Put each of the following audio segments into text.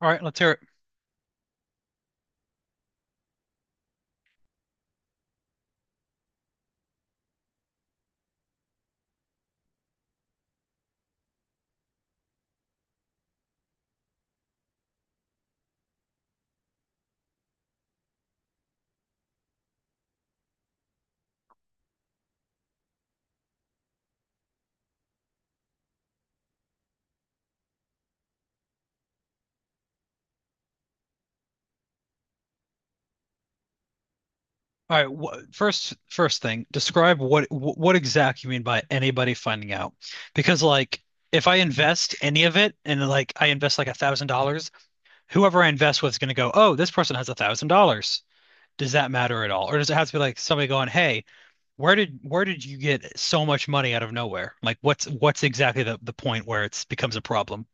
All right, let's hear it. All right, wh first first thing, describe what exactly you mean by anybody finding out. Because like if I invest any of it and like I invest like $1,000, whoever I invest with is gonna go, oh, this person has $1,000. Does that matter at all? Or does it have to be like somebody going, hey, where did you get so much money out of nowhere? Like what's exactly the point where it's becomes a problem?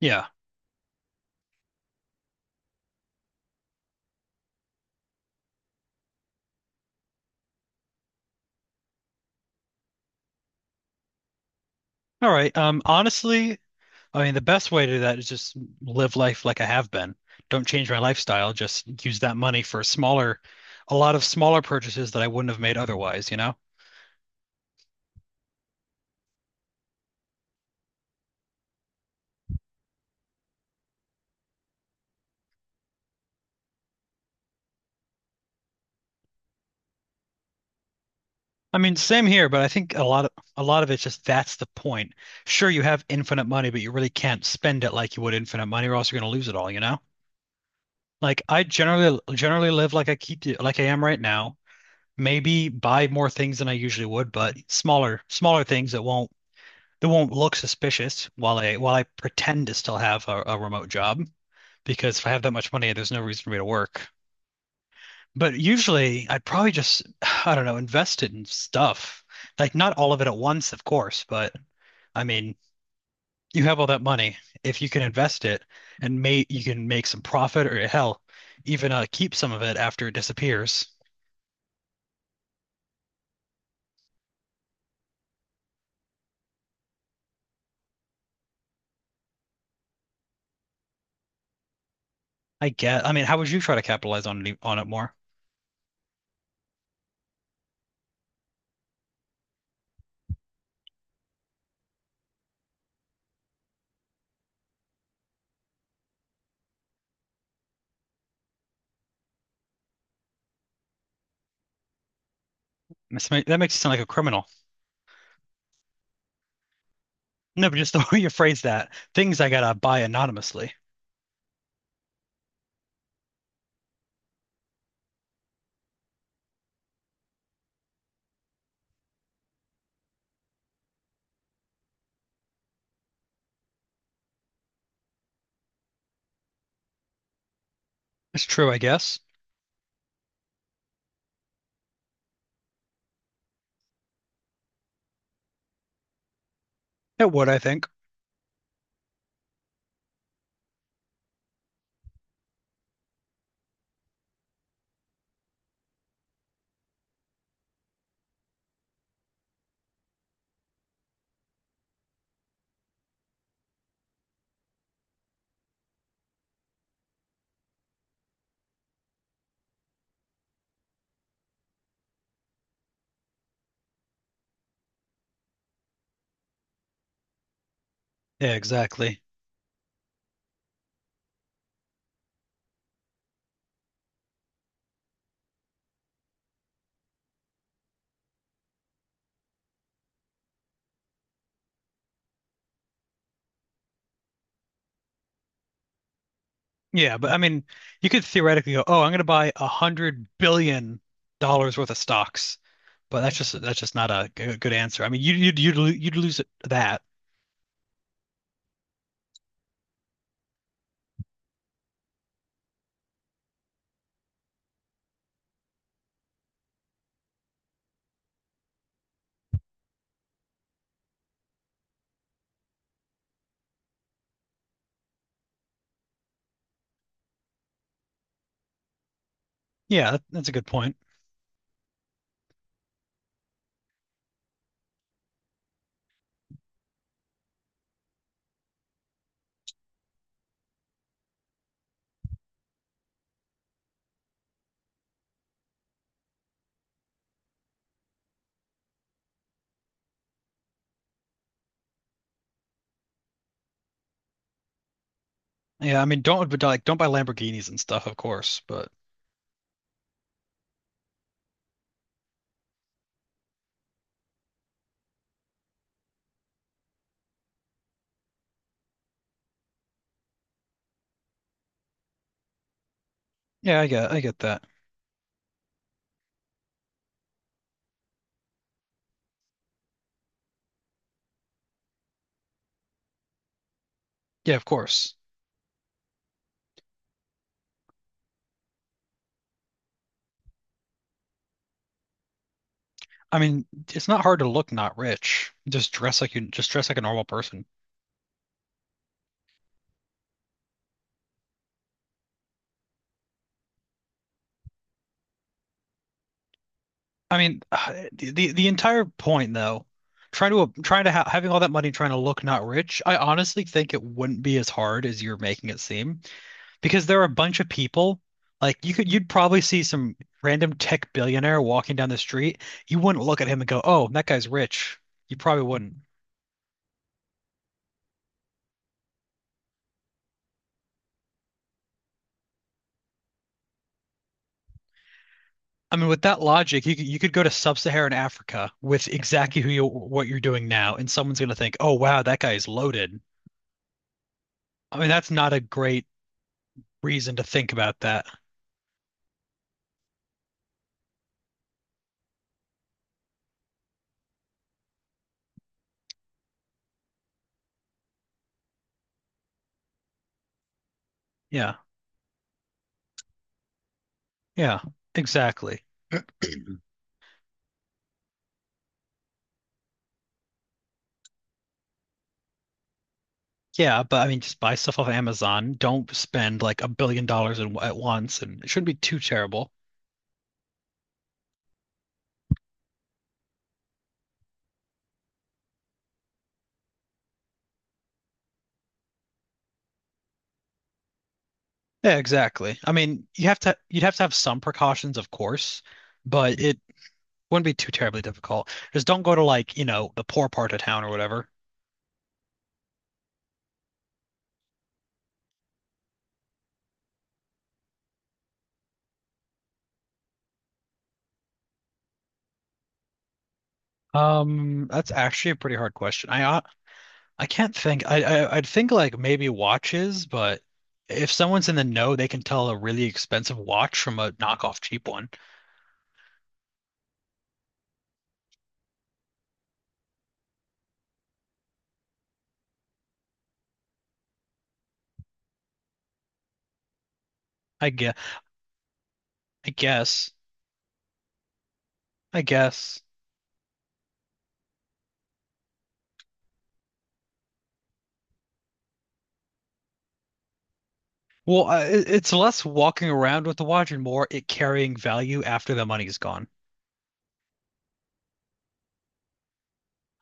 Yeah. All right. Honestly, I mean, the best way to do that is just live life like I have been. Don't change my lifestyle. Just use that money for smaller, a lot of smaller purchases that I wouldn't have made otherwise, you know? I mean, same here, but I think a lot of it's just that's the point. Sure, you have infinite money, but you really can't spend it like you would infinite money, or else you're going to lose it all, you know? Like I generally live like I keep like I am right now. Maybe buy more things than I usually would, but smaller things that won't— they won't look suspicious while I pretend to still have a remote job because if I have that much money, there's no reason for me to work. But usually, I'd probably just, I don't know, invest it in stuff. Like not all of it at once, of course, but I mean, you have all that money. If you can invest it and may you can make some profit or hell, even keep some of it after it disappears. I get. I mean, how would you try to capitalize on it, on it more? That makes you sound like a criminal. No, but just the way you phrase that, things I gotta buy anonymously. It's true, I guess. It would, I think. Yeah, exactly. Yeah, but I mean, you could theoretically go, "Oh, I'm going to buy $100 billion worth of stocks," but that's just not a good answer. I mean, you'd lose it, that. Yeah, that's a good point. Yeah, I mean, don't but like don't buy Lamborghinis and stuff, of course. But yeah, I get that. Yeah, of course. I mean, it's not hard to look not rich. Just dress like you just dress like a normal person. I mean, the entire point though, trying to trying to ha having all that money trying to look not rich, I honestly think it wouldn't be as hard as you're making it seem because there are a bunch of people like you'd probably see some random tech billionaire walking down the street. You wouldn't look at him and go, "Oh, that guy's rich." You probably wouldn't. I mean, with that logic, you could go to sub-Saharan Africa with exactly who you what you're doing now, and someone's going to think, "Oh, wow, that guy is loaded." I mean, that's not a great reason to think about that. Yeah. Yeah, exactly. Yeah, but I mean, just buy stuff off Amazon. Don't spend like $1 billion in, at once, and it shouldn't be too terrible. Yeah, exactly. I mean, you'd have to have some precautions, of course, but it wouldn't be too terribly difficult. Just don't go to like, you know, the poor part of town or whatever. That's actually a pretty hard question. I can't think. I'd think like maybe watches, but if someone's in the know, they can tell a really expensive watch from a knockoff cheap one. I guess. I guess. I guess. Well, I, it- it's less walking around with the watch and more it carrying value after the money's gone.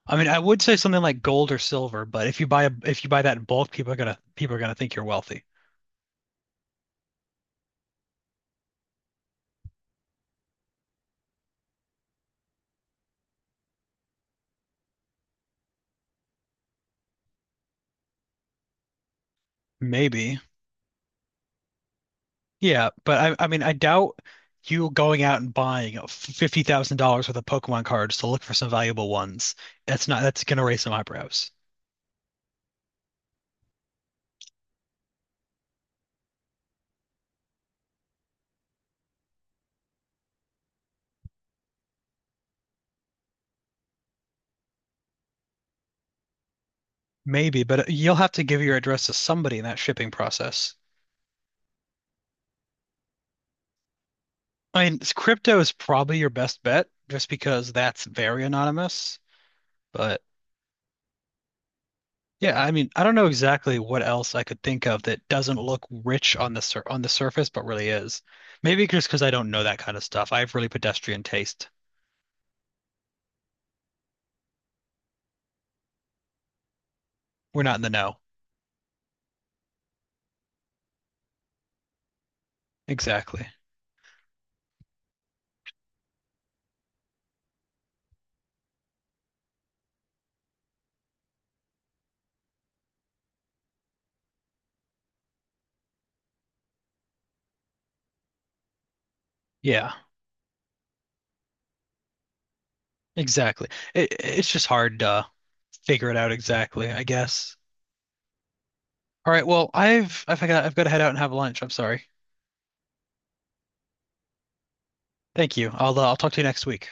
I mean, I would say something like gold or silver, but if you buy that in bulk, people are gonna think you're wealthy. Maybe. Yeah, but I mean, I doubt you going out and buying $50,000 worth of Pokemon cards to look for some valuable ones. That's not That's gonna raise some eyebrows. Maybe, but you'll have to give your address to somebody in that shipping process. I mean, crypto is probably your best bet just because that's very anonymous. But yeah, I mean, I don't know exactly what else I could think of that doesn't look rich on the sur on the surface, but really is. Maybe just because I don't know that kind of stuff. I have really pedestrian taste. We're not in the know. Exactly. Yeah, exactly. It's just hard to figure it out exactly, I guess. All right, well, I've got to head out and have lunch. I'm sorry. Thank you. I'll talk to you next week.